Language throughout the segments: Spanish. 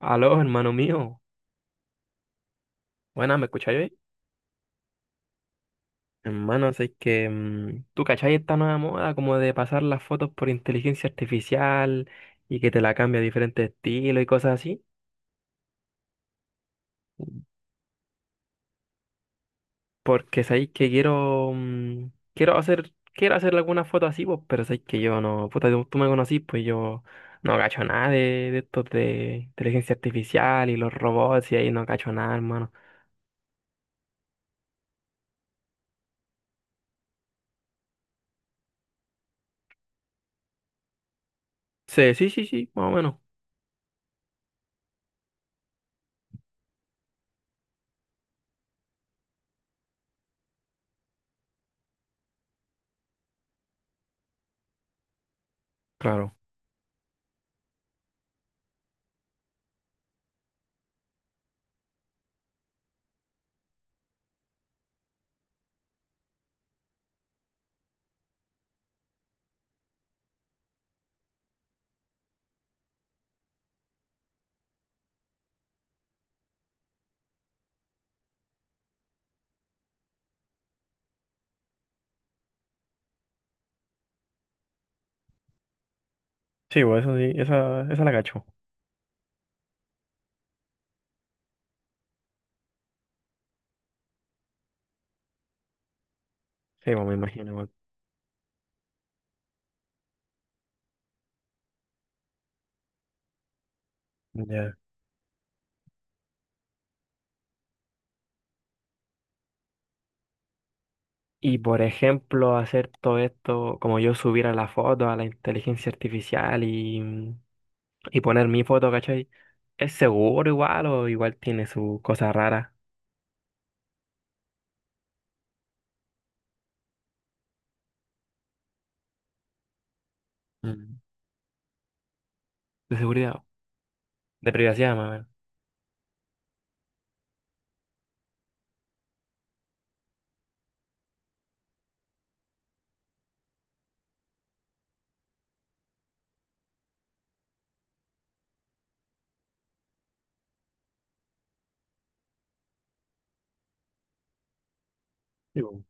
Aló, hermano mío. Buenas, ¿me escucháis hoy? Hermano, sé que tú cachai esta nueva moda como de pasar las fotos por inteligencia artificial y que te la cambia a diferentes estilos y cosas así. Porque sabéis que quiero quiero hacer quiero hacerle algunas fotos así, pues, pero sabéis que yo no, puta, tú me conocís, pues yo no cacho nada de estos de inteligencia artificial y los robots y ahí no cacho nada, hermano. Sí, sí, sí, sí, más o menos. Claro. Sí, pues eso sí, esa la cacho. Sí, pues me imagino. Ya. Y por ejemplo, hacer todo esto, como yo subir a la foto, a la inteligencia artificial y poner mi foto, ¿cachai? ¿Es seguro igual o igual tiene sus cosas raras? Mm. De seguridad, de privacidad, más bien? Sí, po.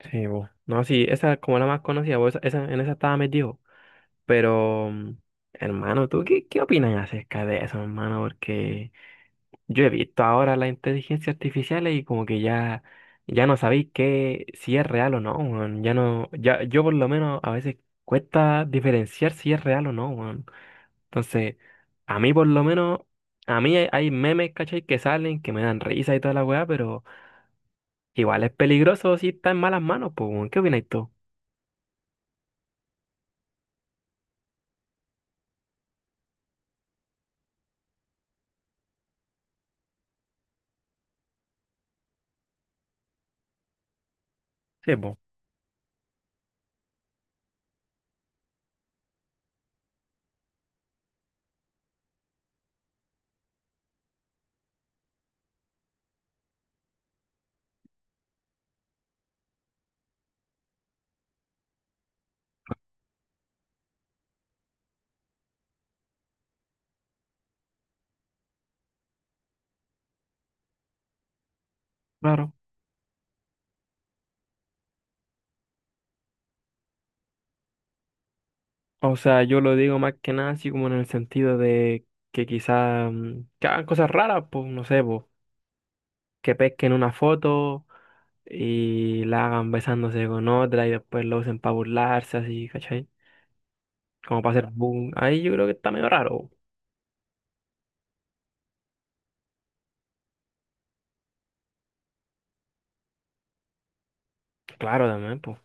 Sí, bo. No, sí, esa es como la más conocida, bo, en esa estaba metido. Pero, hermano, ¿tú qué opinas acerca de eso, hermano? Porque yo he visto ahora la inteligencia artificial y como que ya no sabéis qué, si es real o no, weón. Ya no, ya, yo por lo menos a veces cuesta diferenciar si es real o no, weón. Entonces, a mí por lo menos, a mí hay memes, ¿cachai? Que salen, que me dan risa y toda la weá, pero igual es peligroso si está en malas manos, pues, weón. ¿Qué opináis tú? Sí, pues. Claro. O sea, yo lo digo más que nada así como en el sentido de que quizá que hagan cosas raras, pues, no sé, pues, que pesquen una foto y la hagan besándose con otra y después lo usen para burlarse, así, ¿cachai? Como para hacer boom. Ahí yo creo que está medio raro. Claro, también, pues.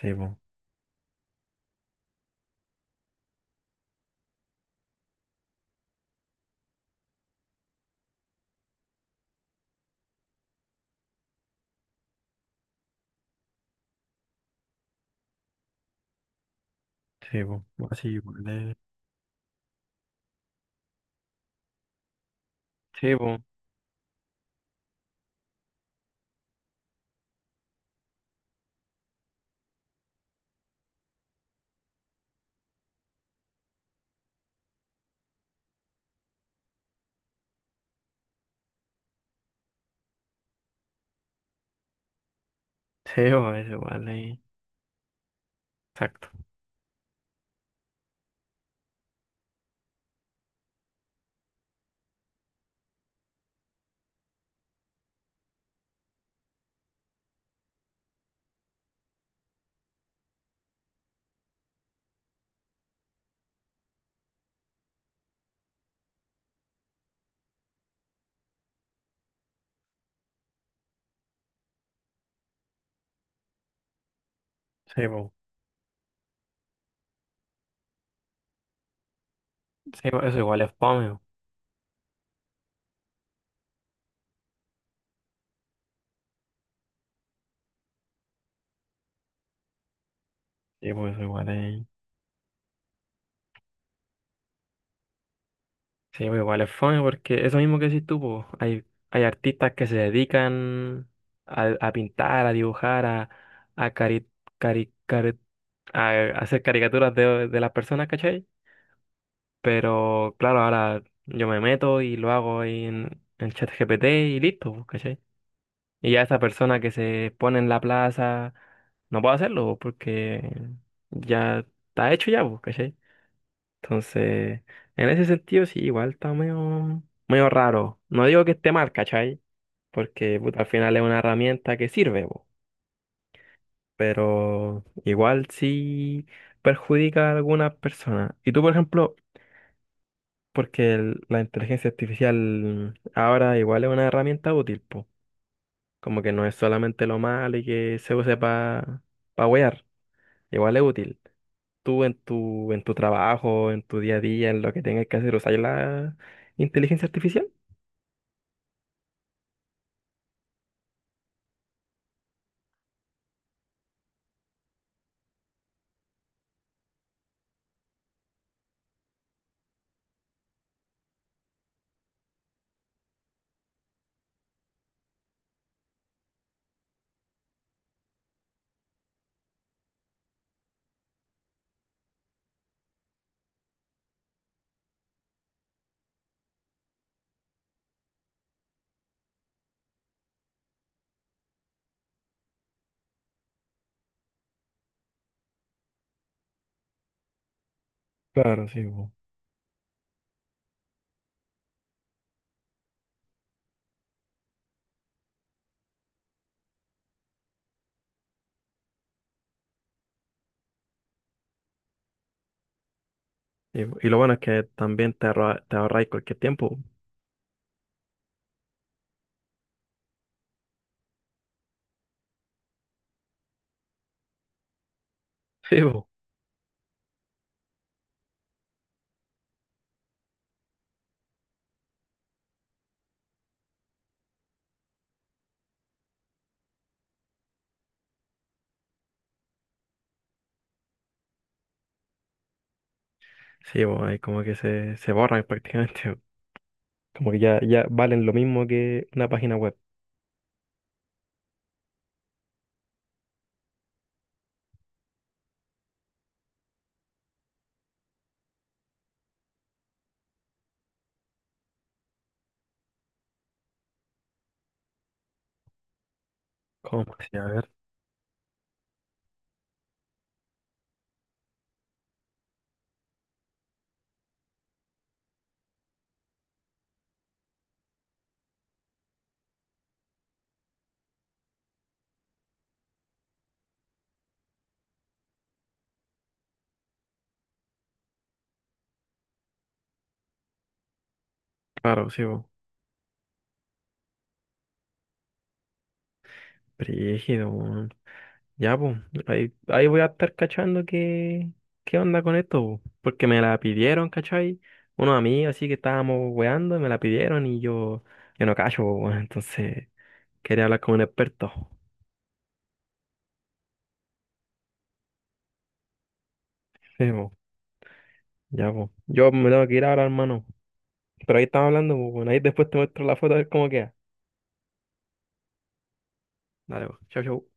Sí, po. Sí, po. Así igual de- Sí, pues. Sí, po, eso igual, ahí. Exacto. Sí, po. Sí, po, eso igual es fome. Po. Sí, po, eso igual de- Sí, pues igual es fome porque eso mismo que decís tú, po, hay artistas que se dedican a pintar, a dibujar, a, a, cari- cari- cari- a hacer caricaturas de las personas, ¿cachai? Pero claro, ahora yo me meto y lo hago ahí en ChatGPT y listo, pues, ¿cachai? Y ya esa persona que se pone en la plaza no puede hacerlo pues, porque ya está hecho ya, pues, ¿cachai? Entonces, en ese sentido sí, igual está medio, medio raro. No digo que esté mal, ¿cachai? Porque puta, al final es una herramienta que sirve, pues, pero igual sí perjudica a algunas personas. Y tú, por ejemplo, porque la inteligencia artificial ahora igual es una herramienta útil, po. Como que no es solamente lo malo y que se use para pa wear, igual es útil. Tú en tu trabajo, en tu día a día, en lo que tengas que hacer, usar la inteligencia artificial. Claro, sí, po. Y lo bueno es que también te ahorráis cualquier tiempo. Sí, po. Sí, pues ahí como que se borran prácticamente. Como que ya valen lo mismo que una página web. ¿Cómo? Sí. A ver. Claro, sí, pues. Brígido, po. Ya, pues, ahí voy a estar cachando qué onda con esto, po, porque me la pidieron, ¿cachai? Unos amigos así que estábamos weando, me la pidieron yo no cacho, po, weón, entonces quería hablar con un experto. Sí, po, ya, pues. Yo me tengo que ir ahora, hermano. Pero ahí estamos hablando, pues, ahí después te muestro la foto a ver cómo queda. Dale, pues, chau, chau.